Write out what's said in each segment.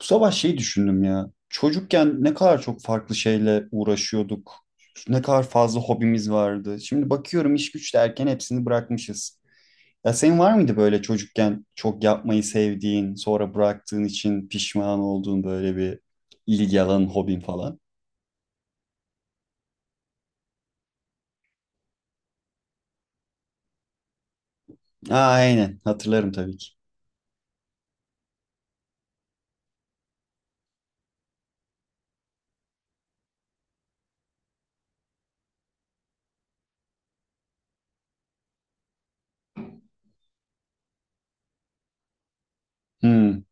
Bu sabah şey düşündüm ya. Çocukken ne kadar çok farklı şeyle uğraşıyorduk. Ne kadar fazla hobimiz vardı. Şimdi bakıyorum iş güç derken hepsini bırakmışız. Ya senin var mıydı böyle çocukken çok yapmayı sevdiğin, sonra bıraktığın için pişman olduğun böyle bir ilgi alanın, hobin falan? Aa, aynen hatırlarım tabii ki. Hmm.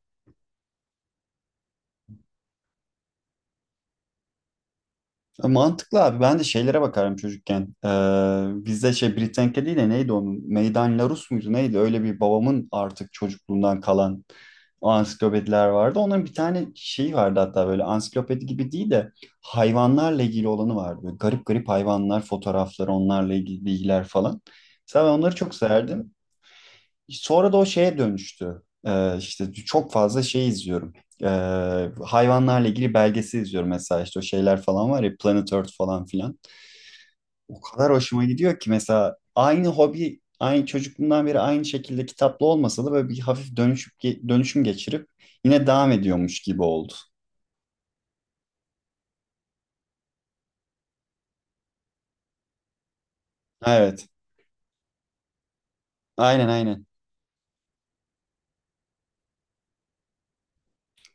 Mantıklı abi. Ben de şeylere bakarım çocukken. Bizde şey Britannica değil de neydi onun? Meydan Larus muydu neydi? Öyle bir babamın artık çocukluğundan kalan o ansiklopediler vardı. Onların bir tane şeyi vardı hatta böyle ansiklopedi gibi değil de hayvanlarla ilgili olanı vardı. Böyle garip garip hayvanlar, fotoğrafları, onlarla ilgili bilgiler falan. Mesela ben onları çok severdim. Sonra da o şeye dönüştü. İşte çok fazla şey izliyorum. Ee, hayvanlarla ilgili belgesi izliyorum mesela işte o şeyler falan var ya Planet Earth falan filan. O kadar hoşuma gidiyor ki mesela aynı hobi, aynı çocukluğumdan beri aynı şekilde kitaplı olmasa da böyle bir hafif dönüşüm geçirip yine devam ediyormuş gibi oldu. Evet. Aynen aynen.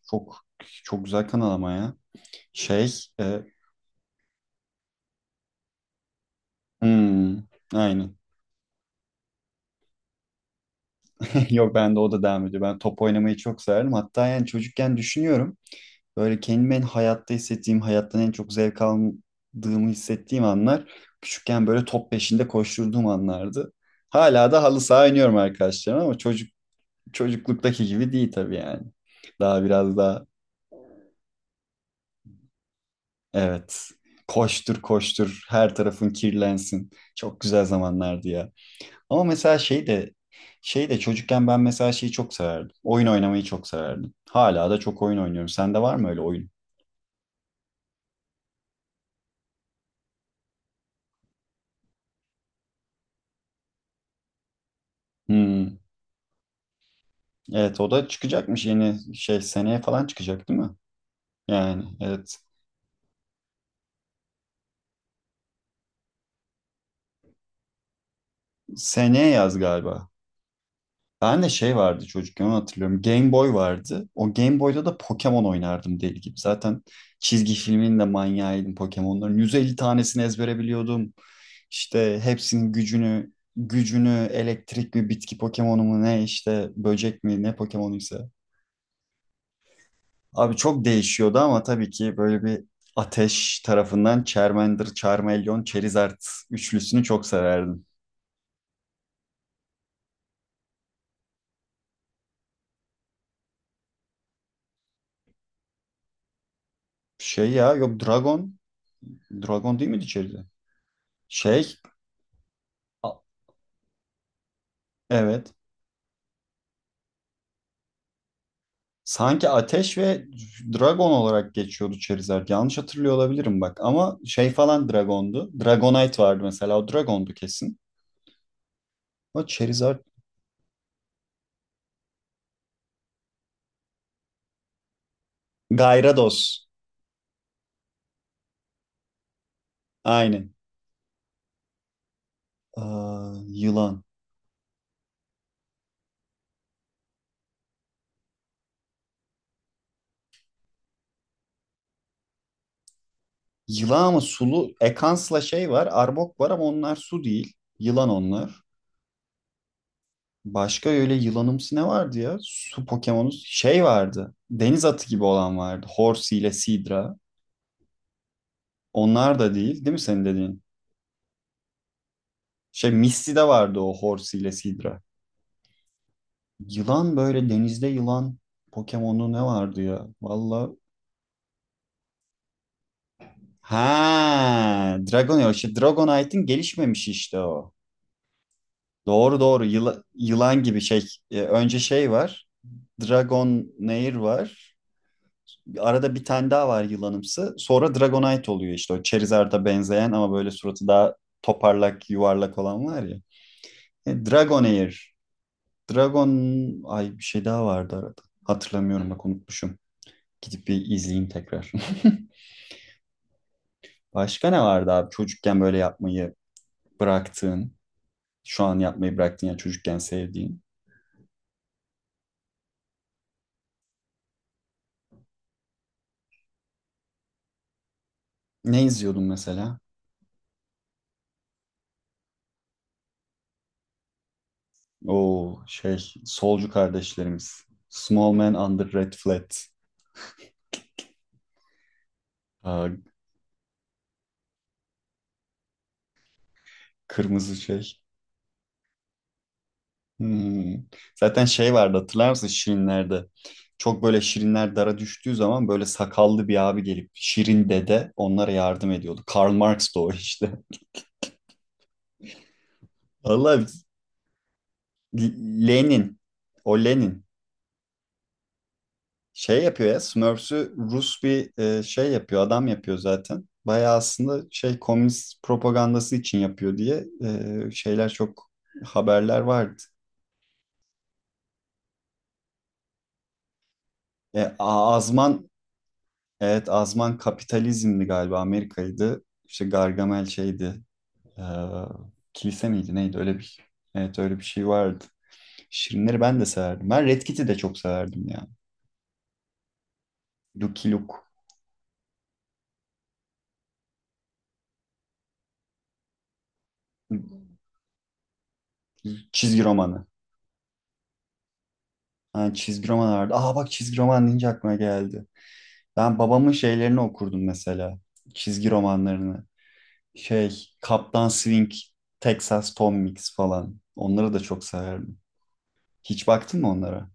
Çok çok güzel kanal ama ya. Şey, e, hmm, aynen. Yok bende o da devam ediyor. Ben top oynamayı çok severdim. Hatta yani çocukken düşünüyorum. Böyle kendimi en hayatta hissettiğim, hayattan en çok zevk aldığımı hissettiğim anlar küçükken böyle top peşinde koşturduğum anlardı. Hala da halı saha oynuyorum arkadaşlarım ama çocukluktaki gibi değil tabii yani. Daha biraz daha evet, koştur koştur her tarafın kirlensin. Çok güzel zamanlardı ya. Ama mesela şey de çocukken ben mesela şeyi çok severdim. Oyun oynamayı çok severdim. Hala da çok oyun oynuyorum. Sende var mı öyle oyun? Hmm. Evet o da çıkacakmış yeni şey seneye falan çıkacak değil mi? Yani evet, seneye yaz galiba. Ben de şey vardı çocukken onu hatırlıyorum. Game Boy vardı. O Game Boy'da da Pokemon oynardım deli gibi. Zaten çizgi filmin de manyağıydım Pokemon'ların. 150 tanesini ezbere biliyordum. İşte hepsinin gücünü elektrik mi bitki Pokemon'u mu ne işte böcek mi ne Pokemon'uysa. Abi çok değişiyordu ama tabii ki böyle bir Ateş tarafından Charmander, Charmeleon, Charizard üçlüsünü çok severdim. Şey ya yok, Dragon. Dragon değil miydi Charizard? Şey a- evet. Sanki Ateş ve Dragon olarak geçiyordu Charizard. Yanlış hatırlıyor olabilirim bak. Ama şey falan Dragon'du. Dragonite vardı mesela. O Dragon'du kesin. O Charizard. Gyarados. Aynen. Aa, yılan. Yılan ama sulu, Ekans'la şey var. Arbok var ama onlar su değil. Yılan onlar. Başka öyle yılanımsı ne vardı ya? Su Pokemon'u şey vardı. Deniz atı gibi olan vardı. Horsey ile Sidra. Onlar da değil, değil mi senin dediğin? Şey Misty'de vardı o Horsey ile Sidra. Yılan böyle denizde yılan Pokemon'u ne vardı ya? Valla. Ha, Dragonair. İşte Dragonite'in gelişmemişi işte o. Doğru doğru. Yılan gibi şey. Önce şey var. Dragonair var. Arada bir tane daha var yılanımsı. Sonra Dragonite oluyor işte o Charizard'a benzeyen ama böyle suratı daha toparlak, yuvarlak olan var ya. Dragonair. Dragon ay, bir şey daha vardı arada. Hatırlamıyorum bak, unutmuşum. Gidip bir izleyeyim tekrar. Başka ne vardı abi çocukken böyle yapmayı bıraktığın, şu an yapmayı bıraktığın ya çocukken sevdiğin? Ne izliyordun mesela? O şey, solcu kardeşlerimiz. Small Man Under Red Flat. Aa, kırmızı şey. Hmm. Zaten şey vardı hatırlar mısın Şirinler'de? Çok böyle Şirinler dara düştüğü zaman böyle sakallı bir abi gelip Şirin dede onlara yardım ediyordu. Karl Marx da o işte. Vallahi Lenin. O Lenin. Şey yapıyor ya Smurfs'ü Rus bir şey yapıyor adam yapıyor zaten. Bayağı aslında şey, komünist propagandası için yapıyor diye şeyler, çok haberler vardı. Azman, evet Azman kapitalizmdi galiba, Amerika'ydı. İşte Gargamel şeydi, e, kilise miydi neydi, öyle bir evet, öyle bir şey vardı. Şirinleri ben de severdim. Ben Red Kit'i de çok severdim ya. Lucky Luke çizgi romanı. Ha, çizgi roman vardı. Aa bak, çizgi roman deyince aklıma geldi. Ben babamın şeylerini okurdum mesela. Çizgi romanlarını. Şey, Kaptan Swing, Texas Tom Mix falan. Onları da çok severdim. Hiç baktın mı onlara?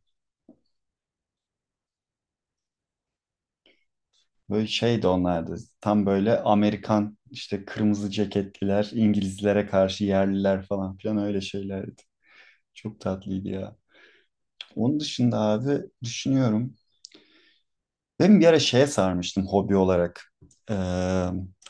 Böyle şeydi onlardı. Tam böyle Amerikan işte kırmızı ceketliler, İngilizlere karşı yerliler falan filan, öyle şeylerdi. Çok tatlıydı ya. Onun dışında abi düşünüyorum. Ben bir ara şeye sarmıştım hobi olarak. Ee,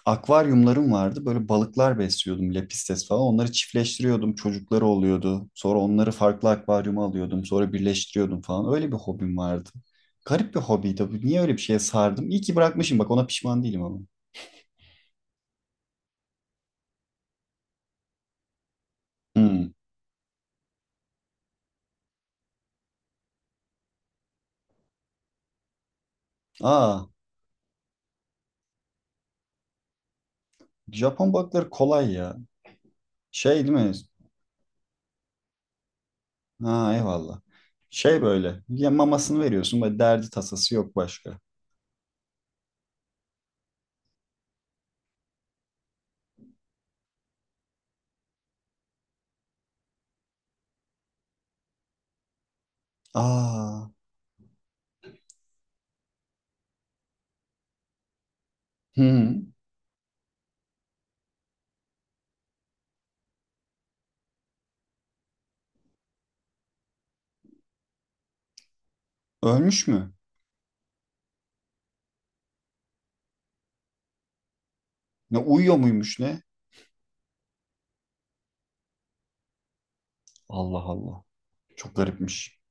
akvaryumlarım vardı. Böyle balıklar besliyordum. Lepistes falan. Onları çiftleştiriyordum. Çocukları oluyordu. Sonra onları farklı akvaryuma alıyordum. Sonra birleştiriyordum falan. Öyle bir hobim vardı. Garip bir hobiydi bu. Niye öyle bir şeye sardım? İyi ki bırakmışım. Bak ona pişman değilim ama. Hmm. Aa, Japon balıkları kolay ya. Şey değil mi? Ha eyvallah. Şey böyle. Ya mamasını veriyorsun. Böyle derdi tasası yok başka. Aa. Hmm. Ölmüş mü? Ne, uyuyor muymuş ne? Allah Allah. Çok garipmiş.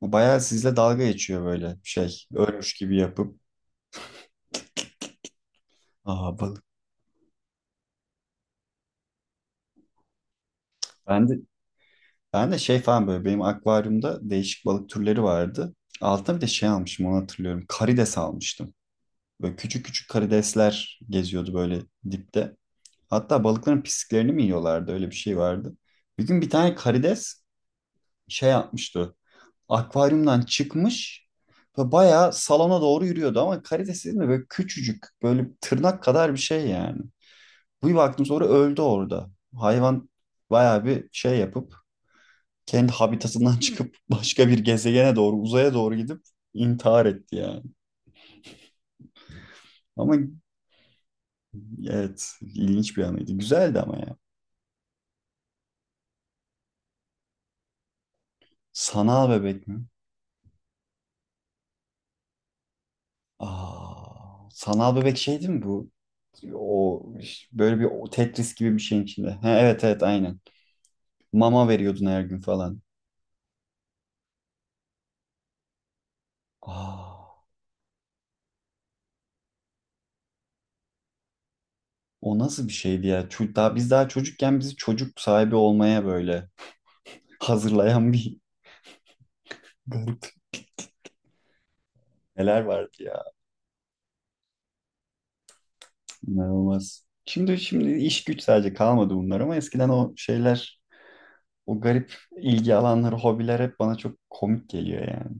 Bu bayağı sizle dalga geçiyor böyle şey. Ölmüş gibi yapıp. Aa, balık. Ben de, ben de şey falan böyle benim akvaryumda değişik balık türleri vardı. Altına bir de şey almışım onu hatırlıyorum. Karides almıştım. Böyle küçük küçük karidesler geziyordu böyle dipte. Hatta balıkların pisliklerini mi yiyorlardı, öyle bir şey vardı. Bir gün bir tane karides şey yapmıştı. Akvaryumdan çıkmış ve bayağı salona doğru yürüyordu ama karides değil mi? Böyle küçücük, böyle tırnak kadar bir şey yani. Bir baktım sonra öldü orada. Hayvan bayağı bir şey yapıp kendi habitatından çıkıp başka bir gezegene doğru, uzaya doğru gidip intihar etti yani. Ama evet, ilginç bir anıydı. Güzeldi ama ya. Sanal bebek mi? Aa, sanal bebek şey değil mi bu? O böyle bir, o Tetris gibi bir şeyin içinde. Ha, evet evet aynen. Mama veriyordun her gün falan. Aa, o nasıl bir şeydi ya? Daha, biz daha çocukken bizi çocuk sahibi olmaya böyle hazırlayan bir garip, neler vardı ya. İnanılmaz. Şimdi iş güç sadece kalmadı bunlar ama eskiden o şeyler, o garip ilgi alanları, hobiler hep bana çok komik geliyor yani.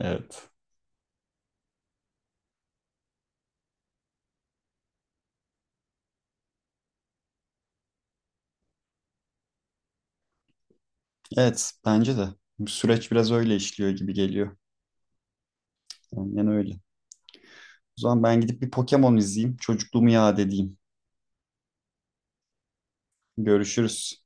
Evet. Evet, bence de. Bu süreç biraz öyle işliyor gibi geliyor. Aynen öyle. O zaman ben gidip bir Pokemon izleyeyim. Çocukluğumu yad edeyim. Görüşürüz.